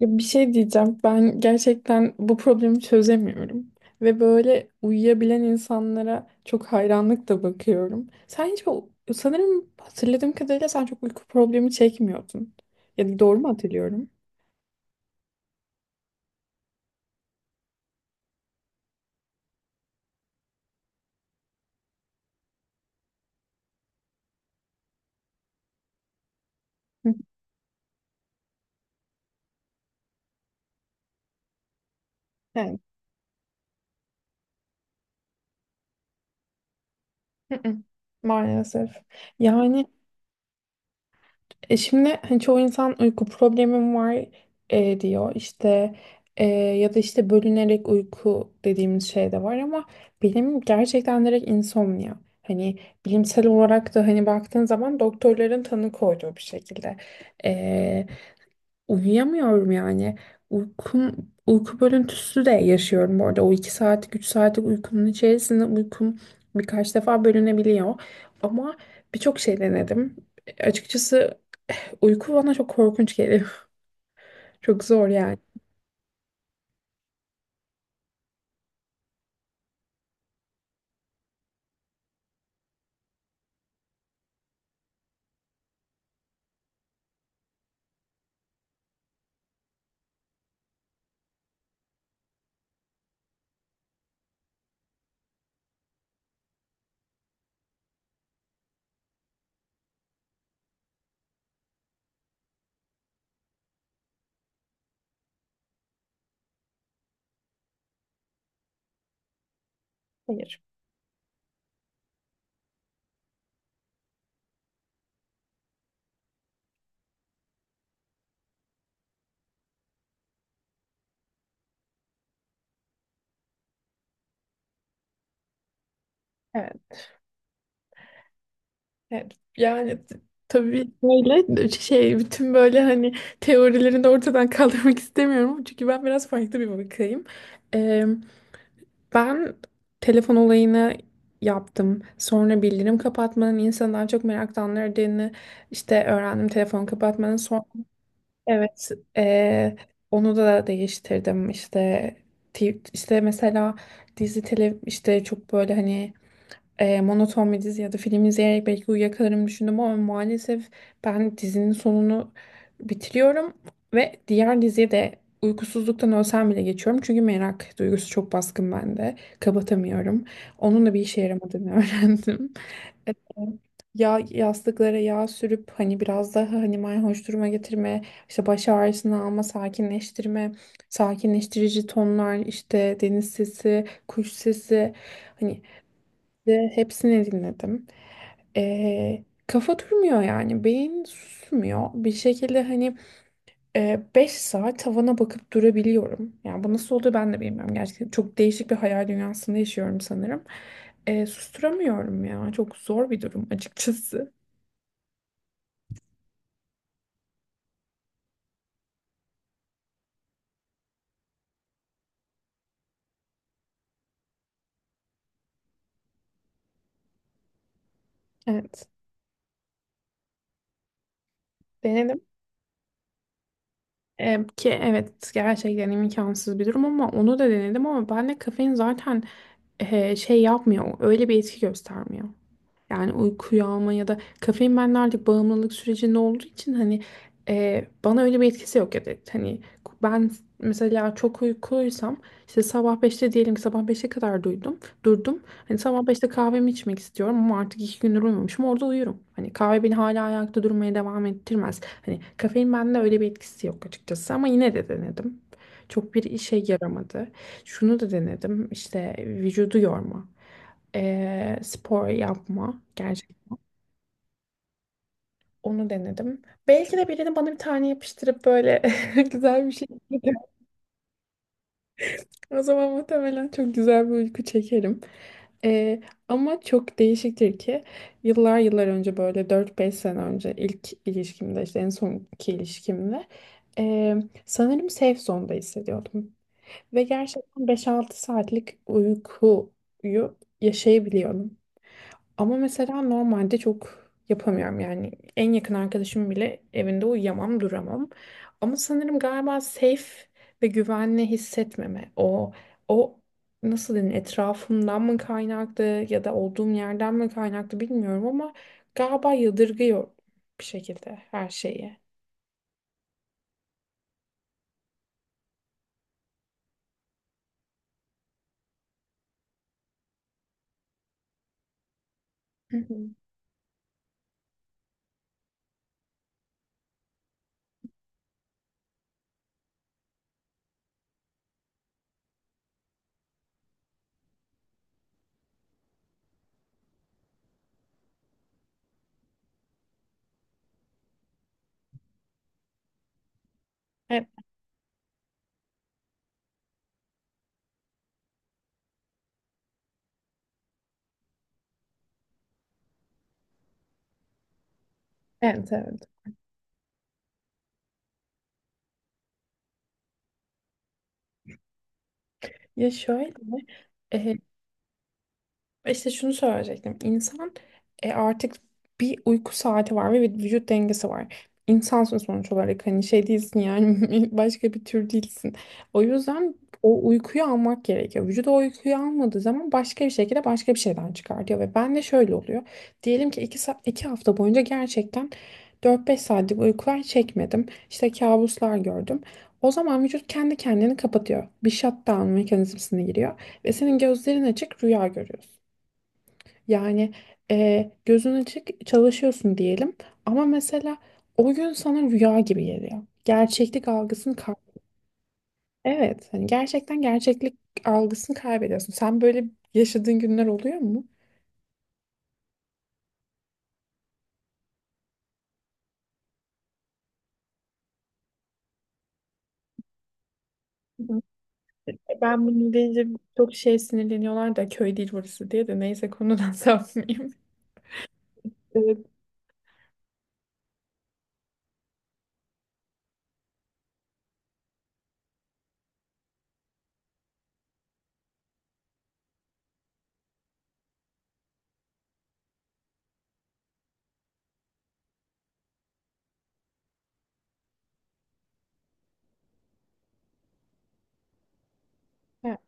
Ya bir şey diyeceğim. Ben gerçekten bu problemi çözemiyorum. Ve böyle uyuyabilen insanlara çok hayranlıkla bakıyorum. Sen hiç sanırım hatırladığım kadarıyla sen çok uyku problemi çekmiyordun. Ya doğru mu hatırlıyorum? Hı. Evet. Hı hı. Maalesef. Yani. Şimdi hani çoğu insan uyku problemim var diyor işte, ya da işte bölünerek uyku dediğimiz şey de var ama benim gerçekten direkt insomnia. Hani bilimsel olarak da hani baktığın zaman doktorların tanı koyduğu bir şekilde E, uyuyamıyorum yani uykum uyku bölüntüsü de yaşıyorum bu arada o 2 saatlik 3 saatlik uykumun içerisinde uykum birkaç defa bölünebiliyor ama birçok şey denedim açıkçası. Uyku bana çok korkunç geliyor. Çok zor yani. Hayır. Evet. Evet, yani tabii böyle şey bütün böyle hani teorilerini de ortadan kaldırmak istemiyorum. Çünkü ben biraz farklı bir bakayım. Ee, ben telefon olayını yaptım. Sonra bildirim kapatmanın insanı daha çok meraklandırdığını işte öğrendim telefon kapatmanın. Sonra. Evet, eee, onu da değiştirdim işte işte mesela dizi işte çok böyle hani, monoton bir dizi ya da film izleyerek belki uyuyakalarım düşündüm ama maalesef ben dizinin sonunu bitiriyorum ve diğer diziye de uykusuzluktan ölsem bile geçiyorum çünkü merak duygusu çok baskın bende kapatamıyorum onun da bir işe yaramadığını öğrendim. Yastıklara yağ sürüp hani biraz daha hani mayhoş duruma getirme, işte baş ağrısını alma, sakinleştirme, sakinleştirici tonlar, işte deniz sesi, kuş sesi hani de hepsini dinledim. Kafa durmuyor yani beyin susmuyor bir şekilde hani 5 saat tavana bakıp durabiliyorum. Yani bu nasıl oluyor ben de bilmiyorum gerçekten çok değişik bir hayal dünyasında yaşıyorum sanırım. Susturamıyorum ya çok zor bir durum açıkçası. Evet. Denedim. Ki evet gerçekten imkansız bir durum ama onu da denedim ama bende kafein zaten şey yapmıyor. Öyle bir etki göstermiyor. Yani uykuyu alma ya da kafein benle artık bağımlılık sürecinde olduğu için hani, bana öyle bir etkisi yok ya da hani ben mesela çok uykuluysam işte sabah 5'te diyelim ki sabah 5'e kadar duydum durdum. Hani sabah 5'te kahvemi içmek istiyorum ama artık 2 gündür uyumamışım orada uyurum. Hani kahve beni hala ayakta durmaya devam ettirmez. Hani kafein bende öyle bir etkisi yok açıkçası ama yine de denedim. Çok bir işe yaramadı. Şunu da denedim işte vücudu yorma, spor yapma gerçekten. Onu denedim. Belki de birini bana bir tane yapıştırıp böyle güzel bir şey. O zaman muhtemelen çok güzel bir uyku çekerim. Eee, ama çok değişiktir ki yıllar yıllar önce böyle 4-5 sene önce ilk ilişkimde işte en sonki ilişkimde, eee, sanırım safe zone'da hissediyordum. Ve gerçekten 5-6 saatlik uykuyu yaşayabiliyorum. Ama mesela normalde çok yapamıyorum yani en yakın arkadaşım bile evinde uyuyamam duramam. Ama sanırım galiba safe ve güvenli hissetmeme o nasıl denir etrafımdan mı kaynaklı ya da olduğum yerden mi kaynaklı bilmiyorum ama galiba yadırgıyor bir şekilde her şeyi. Hı hı. Evet, evet. Evet. Ya şöyle. İşte şunu söyleyecektim. İnsan, artık bir uyku saati var ve bir vücut dengesi var. İnsansın sonuç olarak hani şey değilsin yani başka bir tür değilsin. O yüzden o uykuyu almak gerekiyor. Vücut o uykuyu almadığı zaman başka bir şekilde başka bir şeyden çıkartıyor ve ben de şöyle oluyor. Diyelim ki 2 hafta boyunca gerçekten 4-5 saatlik uykular çekmedim. İşte kabuslar gördüm. O zaman vücut kendi kendini kapatıyor. Bir shutdown mekanizmasına giriyor ve senin gözlerin açık rüya görüyorsun. Yani, gözün açık çalışıyorsun diyelim ama mesela o gün sana rüya gibi geliyor. Gerçeklik algısını. Evet, hani gerçekten gerçeklik algısını kaybediyorsun. Sen böyle yaşadığın günler oluyor mu? Hı. Ben bunu deyince çok şey sinirleniyorlar da köy değil burası diye de neyse konudan sapmayayım. Evet. Ha,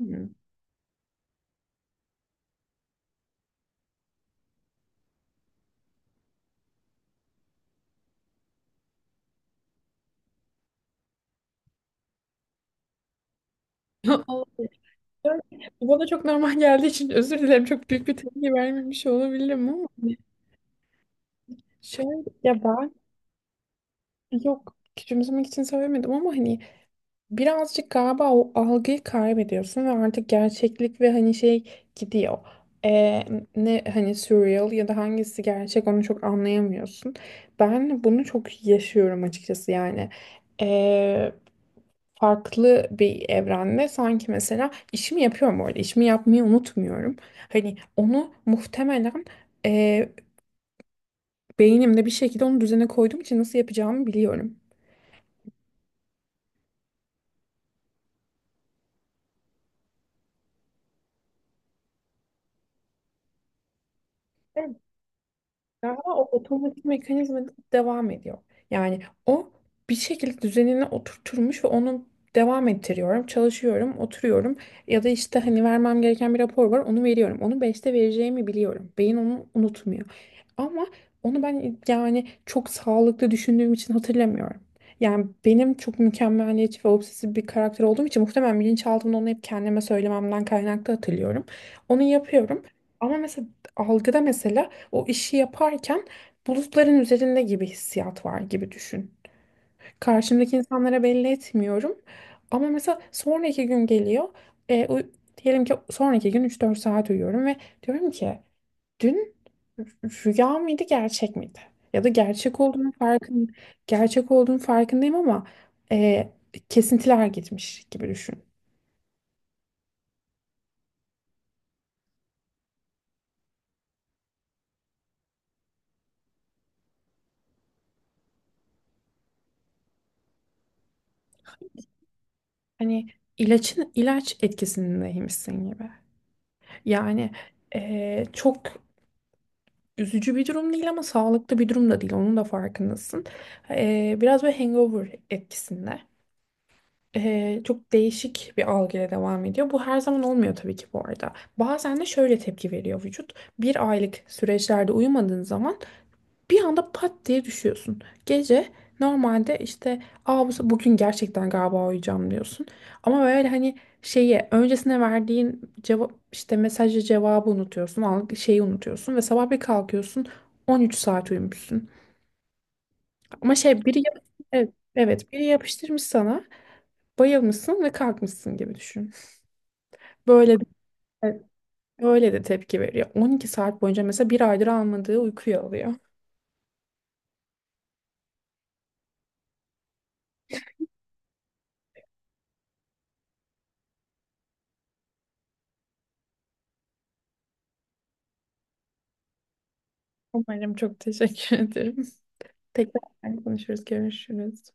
hı. Olabilir. Bu bana çok normal geldiği için özür dilerim. Çok büyük bir tepki vermemiş olabilirim ama şöyle ya. Yok, küçümsemek için söylemedim ama hani birazcık galiba o algıyı kaybediyorsun ve artık gerçeklik ve hani şey gidiyor. Ee, ne hani surreal ya da hangisi gerçek onu çok anlayamıyorsun. Ben bunu çok yaşıyorum açıkçası yani. Ee, farklı bir evrende sanki mesela işimi yapıyorum orada işimi yapmayı unutmuyorum. Hani onu muhtemelen, e, beynimde bir şekilde onu düzene koyduğum için nasıl yapacağımı biliyorum. Galiba o otomatik mekanizma devam ediyor. Yani o bir şekilde düzenine oturturmuş ve onu devam ettiriyorum. Çalışıyorum, oturuyorum ya da işte hani vermem gereken bir rapor var onu veriyorum. Onu 5'te vereceğimi biliyorum. Beyin onu unutmuyor. Ama onu ben yani çok sağlıklı düşündüğüm için hatırlamıyorum. Yani benim çok mükemmeliyetçi ve obsesif bir karakter olduğum için muhtemelen bilinçaltımda onu hep kendime söylememden kaynaklı hatırlıyorum. Onu yapıyorum. Ama mesela algıda mesela o işi yaparken bulutların üzerinde gibi hissiyat var gibi düşün. Karşımdaki insanlara belli etmiyorum. Ama mesela sonraki gün geliyor. E, uy- diyelim ki sonraki gün 3-4 saat uyuyorum ve diyorum ki dün rüya mıydı gerçek miydi? Ya da gerçek olduğunun farkındayım ama, e, kesintiler gitmiş gibi düşün. Hani ilaç etkisindeymişsin gibi. Yani, çok üzücü bir durum değil ama sağlıklı bir durum da değil. Onun da farkındasın. Biraz böyle hangover etkisinde. Çok değişik bir algıyla devam ediyor. Bu her zaman olmuyor tabii ki bu arada. Bazen de şöyle tepki veriyor vücut. Bir aylık süreçlerde uyumadığın zaman bir anda pat diye düşüyorsun. Gece normalde işte, Aa, bugün gerçekten galiba uyuyacağım diyorsun. Ama böyle hani şeyi öncesine verdiğin cevap işte mesajı cevabı unutuyorsun. Şeyi unutuyorsun ve sabah bir kalkıyorsun 13 saat uyumuşsun. Ama şey biri yap- evet, evet biri yapıştırmış sana bayılmışsın ve kalkmışsın gibi düşün. Böyle de, böyle de tepki veriyor. 12 saat boyunca mesela bir aydır almadığı uykuyu alıyor. Umarım, çok teşekkür ederim. Tekrar konuşuruz, görüşürüz.